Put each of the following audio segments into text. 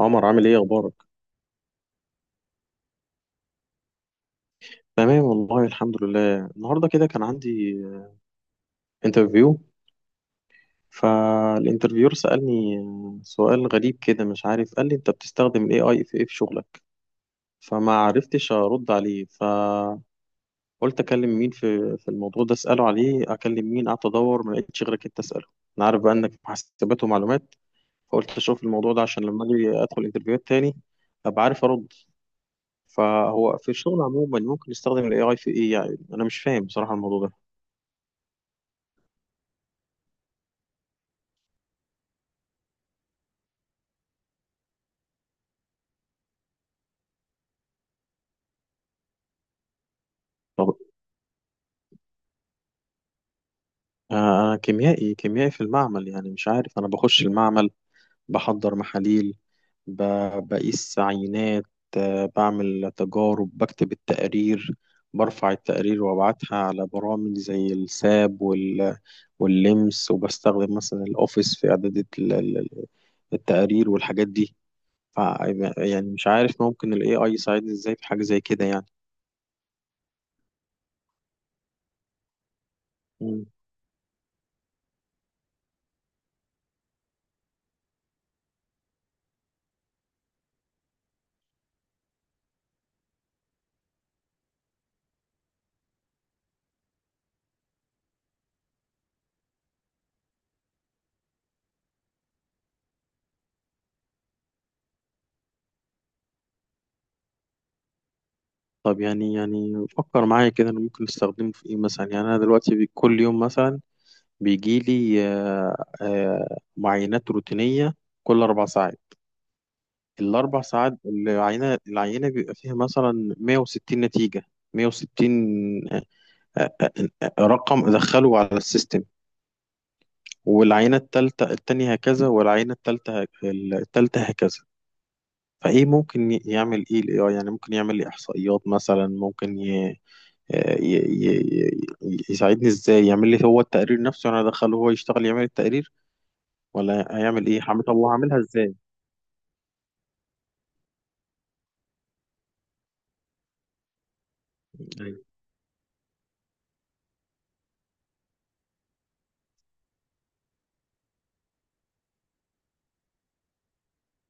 عمر، عامل ايه؟ اخبارك؟ تمام والله الحمد لله. النهارده كده كان عندي انترفيو. فالانترفيور سألني سؤال غريب كده، مش عارف، قال لي انت بتستخدم الاي اي في ايه في شغلك؟ فما عرفتش ارد عليه. فقلت اكلم مين في الموضوع ده اساله عليه؟ اكلم مين؟ قعدت ادور، ما لقيتش غيرك انت اساله. انا عارف بقى انك في حاسبات ومعلومات، فقلت اشوف الموضوع ده عشان لما اجي ادخل انترفيوهات تاني ابقى عارف ارد. فهو في الشغل عموما ممكن نستخدم الاي اي في ايه؟ يعني انا مش فاهم بصراحة الموضوع ده. طب، أنا كيميائي، كيميائي في المعمل، يعني مش عارف. أنا بخش المعمل، بحضر محاليل، ب- بقيس عينات، بعمل تجارب، بكتب التقارير، برفع التقارير وأبعتها على برامج زي الساب واللمس، وبستخدم مثلا الأوفيس في إعداد التقارير والحاجات دي. ف يعني مش عارف ممكن ال AI يساعدني إزاي في حاجة زي كده يعني. مم. طب، يعني فكر معايا كده، أنا ممكن أستخدمه في إيه مثلا؟ يعني أنا دلوقتي كل يوم مثلا بيجيلي، معاينات روتينية كل أربع ساعات. الأربع ساعات العينة بيبقى فيها مثلا 160 نتيجة. 160 آه، آه، رقم أدخله على السيستم، والعينة التانية هكذا، والعينة التالتة هكذا. فإيه ممكن يعمل إيه ال AI؟ يعني ممكن يعمل لي إحصائيات مثلا، ممكن ي... آه، ي... ي... ي- يساعدني إزاي؟ يعمل لي هو التقرير نفسه، أنا أدخله هو يشتغل يعمل التقرير ولا هيعمل ايه؟ هعمل، طب وهعملها ازاي؟ أيوة.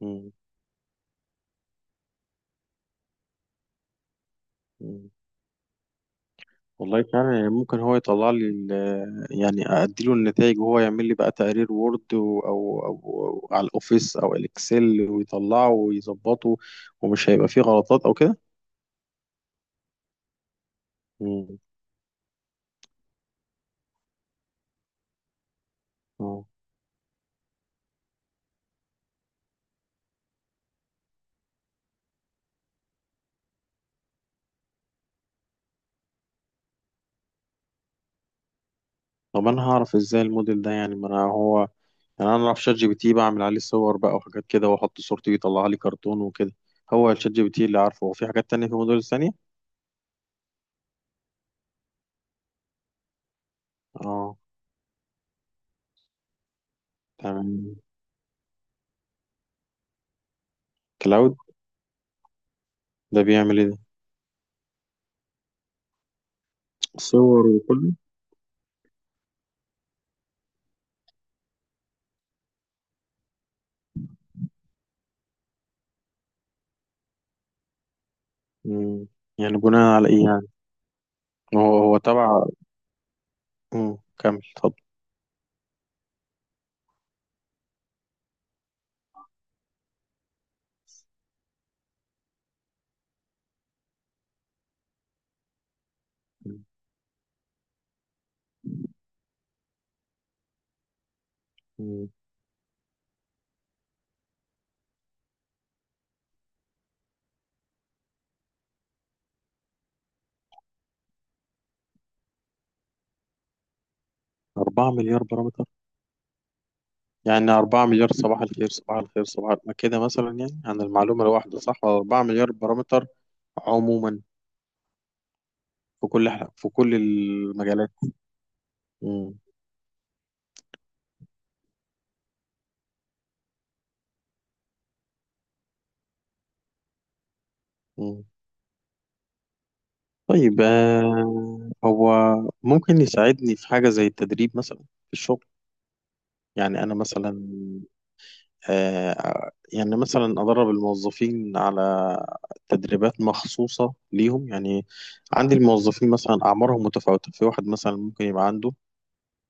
مم. مم. والله فعلا، يعني ممكن هو يطلع لي يعني اديله النتائج وهو يعمل لي بقى تقرير وورد، او أو على الاوفيس او الاكسل، ويطلعه ويظبطه، ومش هيبقى فيه غلطات او كده. مم. اه. طب انا هعرف ازاي الموديل ده؟ يعني ما انا هو، يعني انا اعرف شات جي بي تي، بعمل عليه صور بقى وحاجات كده، واحط صورتي ويطلع لي كرتون وكده. هو الشات جي بي تي اللي عارفه، هو في حاجات تانية، في موديل ثانية؟ اه. تمام. كلاود ده بيعمل ايه ده؟ صور وكله؟ مم. يعني بناء على إيه يعني؟ هو تبع. مم، كمل اتفضل. مم. مم. أربعة مليار بارامتر؟ يعني أربعة مليار صباح الخير صباح الخير صباح الخير. ما كده مثلا يعني عن المعلومة الواحدة، صح؟ ولا أربعة مليار بارامتر عموما في في كل المجالات؟ مم. مم. طيب، هو ممكن يساعدني في حاجة زي التدريب مثلا في الشغل؟ يعني أنا مثلا، يعني مثلا أدرب الموظفين على تدريبات مخصوصة ليهم يعني. عندي الموظفين مثلا أعمارهم متفاوتة. في واحد مثلا ممكن يبقى عنده،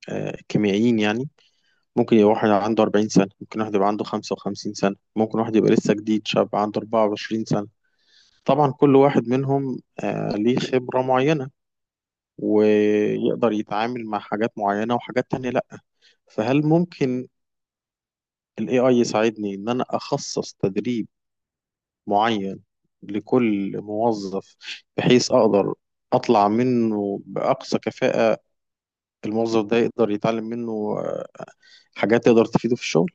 كيميائيين يعني، ممكن يبقى واحد عنده 40 سنة، ممكن واحد يبقى عنده 55 سنة، ممكن واحد يبقى لسه جديد شاب عنده 24 سنة. طبعا كل واحد منهم ليه خبرة معينة، ويقدر يتعامل مع حاجات معينة وحاجات تانية لأ. فهل ممكن ال AI يساعدني إن أنا أخصص تدريب معين لكل موظف، بحيث أقدر أطلع منه بأقصى كفاءة؟ الموظف ده يقدر يتعلم منه آه، حاجات تقدر تفيده في الشغل.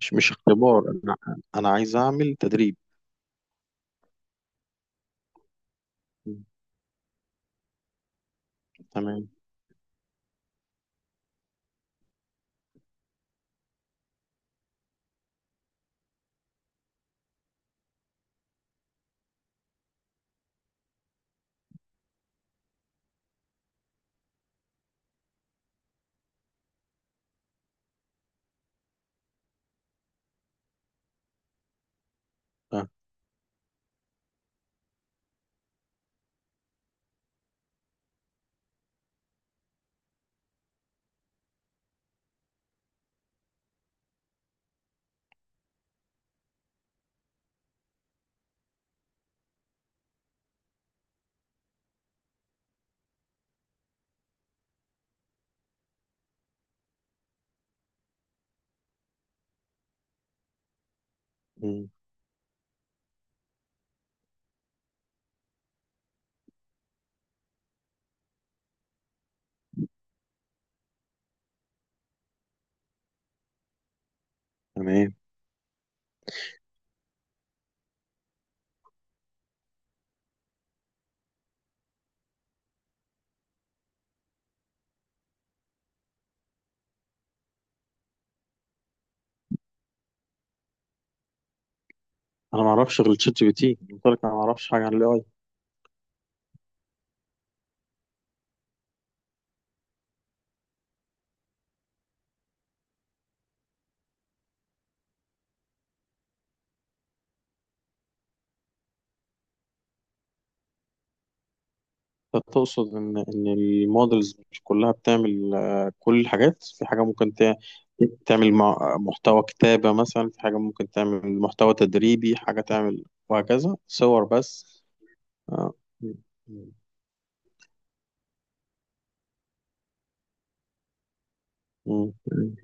مش اختبار، أنا أنا عايز أعمل تدريب. مم. تمام. آه. مم. تمام. أنا ما أعرفش غير تشات جي بي تي، قلت لك أنا ما أعرفش حاجة عن ال. تقصد ان ان المودلز مش كلها بتعمل، كل الحاجات؟ في حاجه ممكن تعمل محتوى كتابه مثلا، في حاجه ممكن تعمل محتوى تدريبي، حاجه تعمل وهكذا صور بس؟ آه. م- م- م.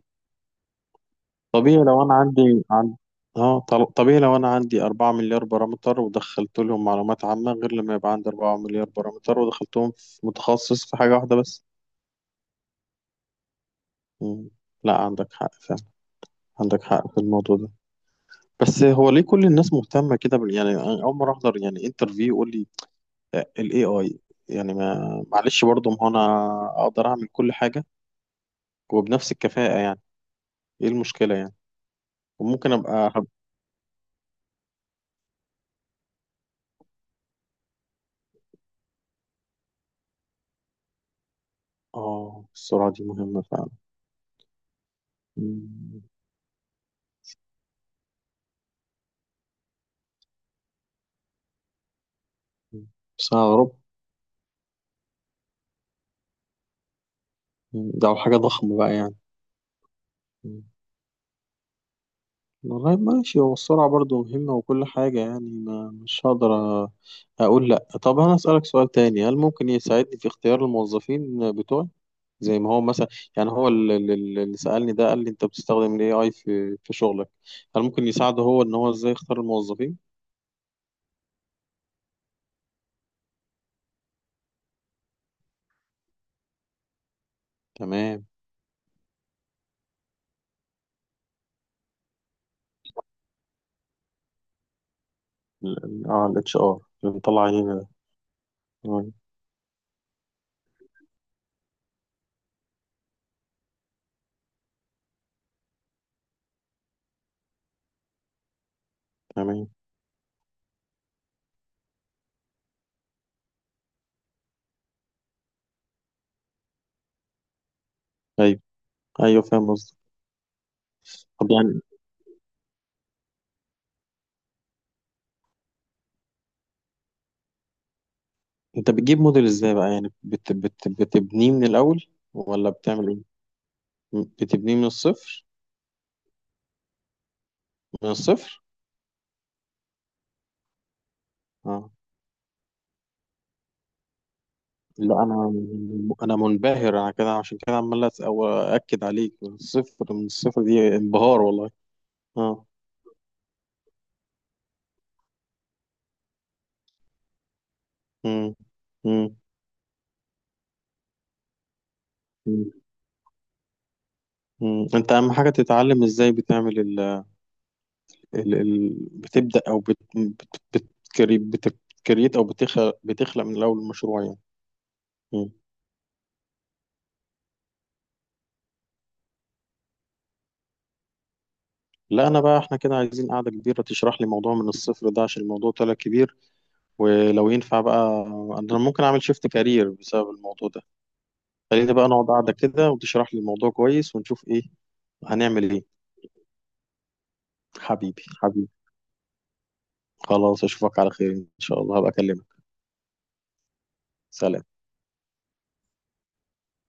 طبيعي لو انا عندي عن، طبيعي لو انا عندي 4 مليار بارامتر ودخلت لهم معلومات عامه، غير لما يبقى عندي 4 مليار بارامتر ودخلتهم في متخصص في حاجه واحده بس. م. لا عندك حق فعلا، عندك حق في الموضوع ده. بس هو ليه كل الناس مهتمة كده يعني؟ أنا أول مرة أحضر يعني انترفيو يقول لي، ال AI. يعني ما معلش برضه، ما هو أنا أقدر أعمل كل حاجة وبنفس الكفاءة يعني، إيه المشكلة يعني؟ وممكن أبقى آه، السرعة دي مهمة فعلا. مم. بس أنا أغرب. ده حاجة ضخمة بقى يعني. مم. والله ماشي، هو السرعة برضه مهمة وكل حاجة، يعني ما مش هقدر أ- أقول لأ. طب أنا أسألك سؤال تاني، هل ممكن يساعدني في اختيار الموظفين بتوعي؟ زي ما هو مثلا، يعني هو اللي سألني ده قال لي انت بتستخدم الاي اي في شغلك. هل ممكن يساعده هو ان هو ازاي يختار الموظفين؟ تمام. الاتش ار اللي مطلع عينينا ده. آه، تمام. ايوه. ايوه فاهم قصدك. طب يعني انت بتجيب موديل ازاي بقى؟ يعني بت بت بتبنيه من الاول ولا بتعمل ايه؟ بتبنيه من الصفر؟ من الصفر؟ اه. لا انا، انا منبهر انا كده، عشان كده عمال أس- أو اكد عليك من الصفر. من الصفر دي انبهار والله. اه. مم. مم. مم. مم. انت اهم حاجه تتعلم ازاي بتعمل ال ال ال بتبدا، او بت بت بتكري بت- بتكريت، او بتخلق بتخلق من الاول المشروع يعني. مم. لا انا بقى، احنا كده عايزين قاعده كبيره تشرح لي موضوع من الصفر ده، عشان الموضوع طلع كبير. ولو ينفع بقى، انا ممكن اعمل شيفت كارير بسبب الموضوع ده. خلينا بقى نقعد قاعده كده، وتشرح لي الموضوع كويس، ونشوف ايه هنعمل ايه. حبيبي، حبيبي. خلاص اشوفك على خير ان شاء الله، هبقى اكلمك. سلام.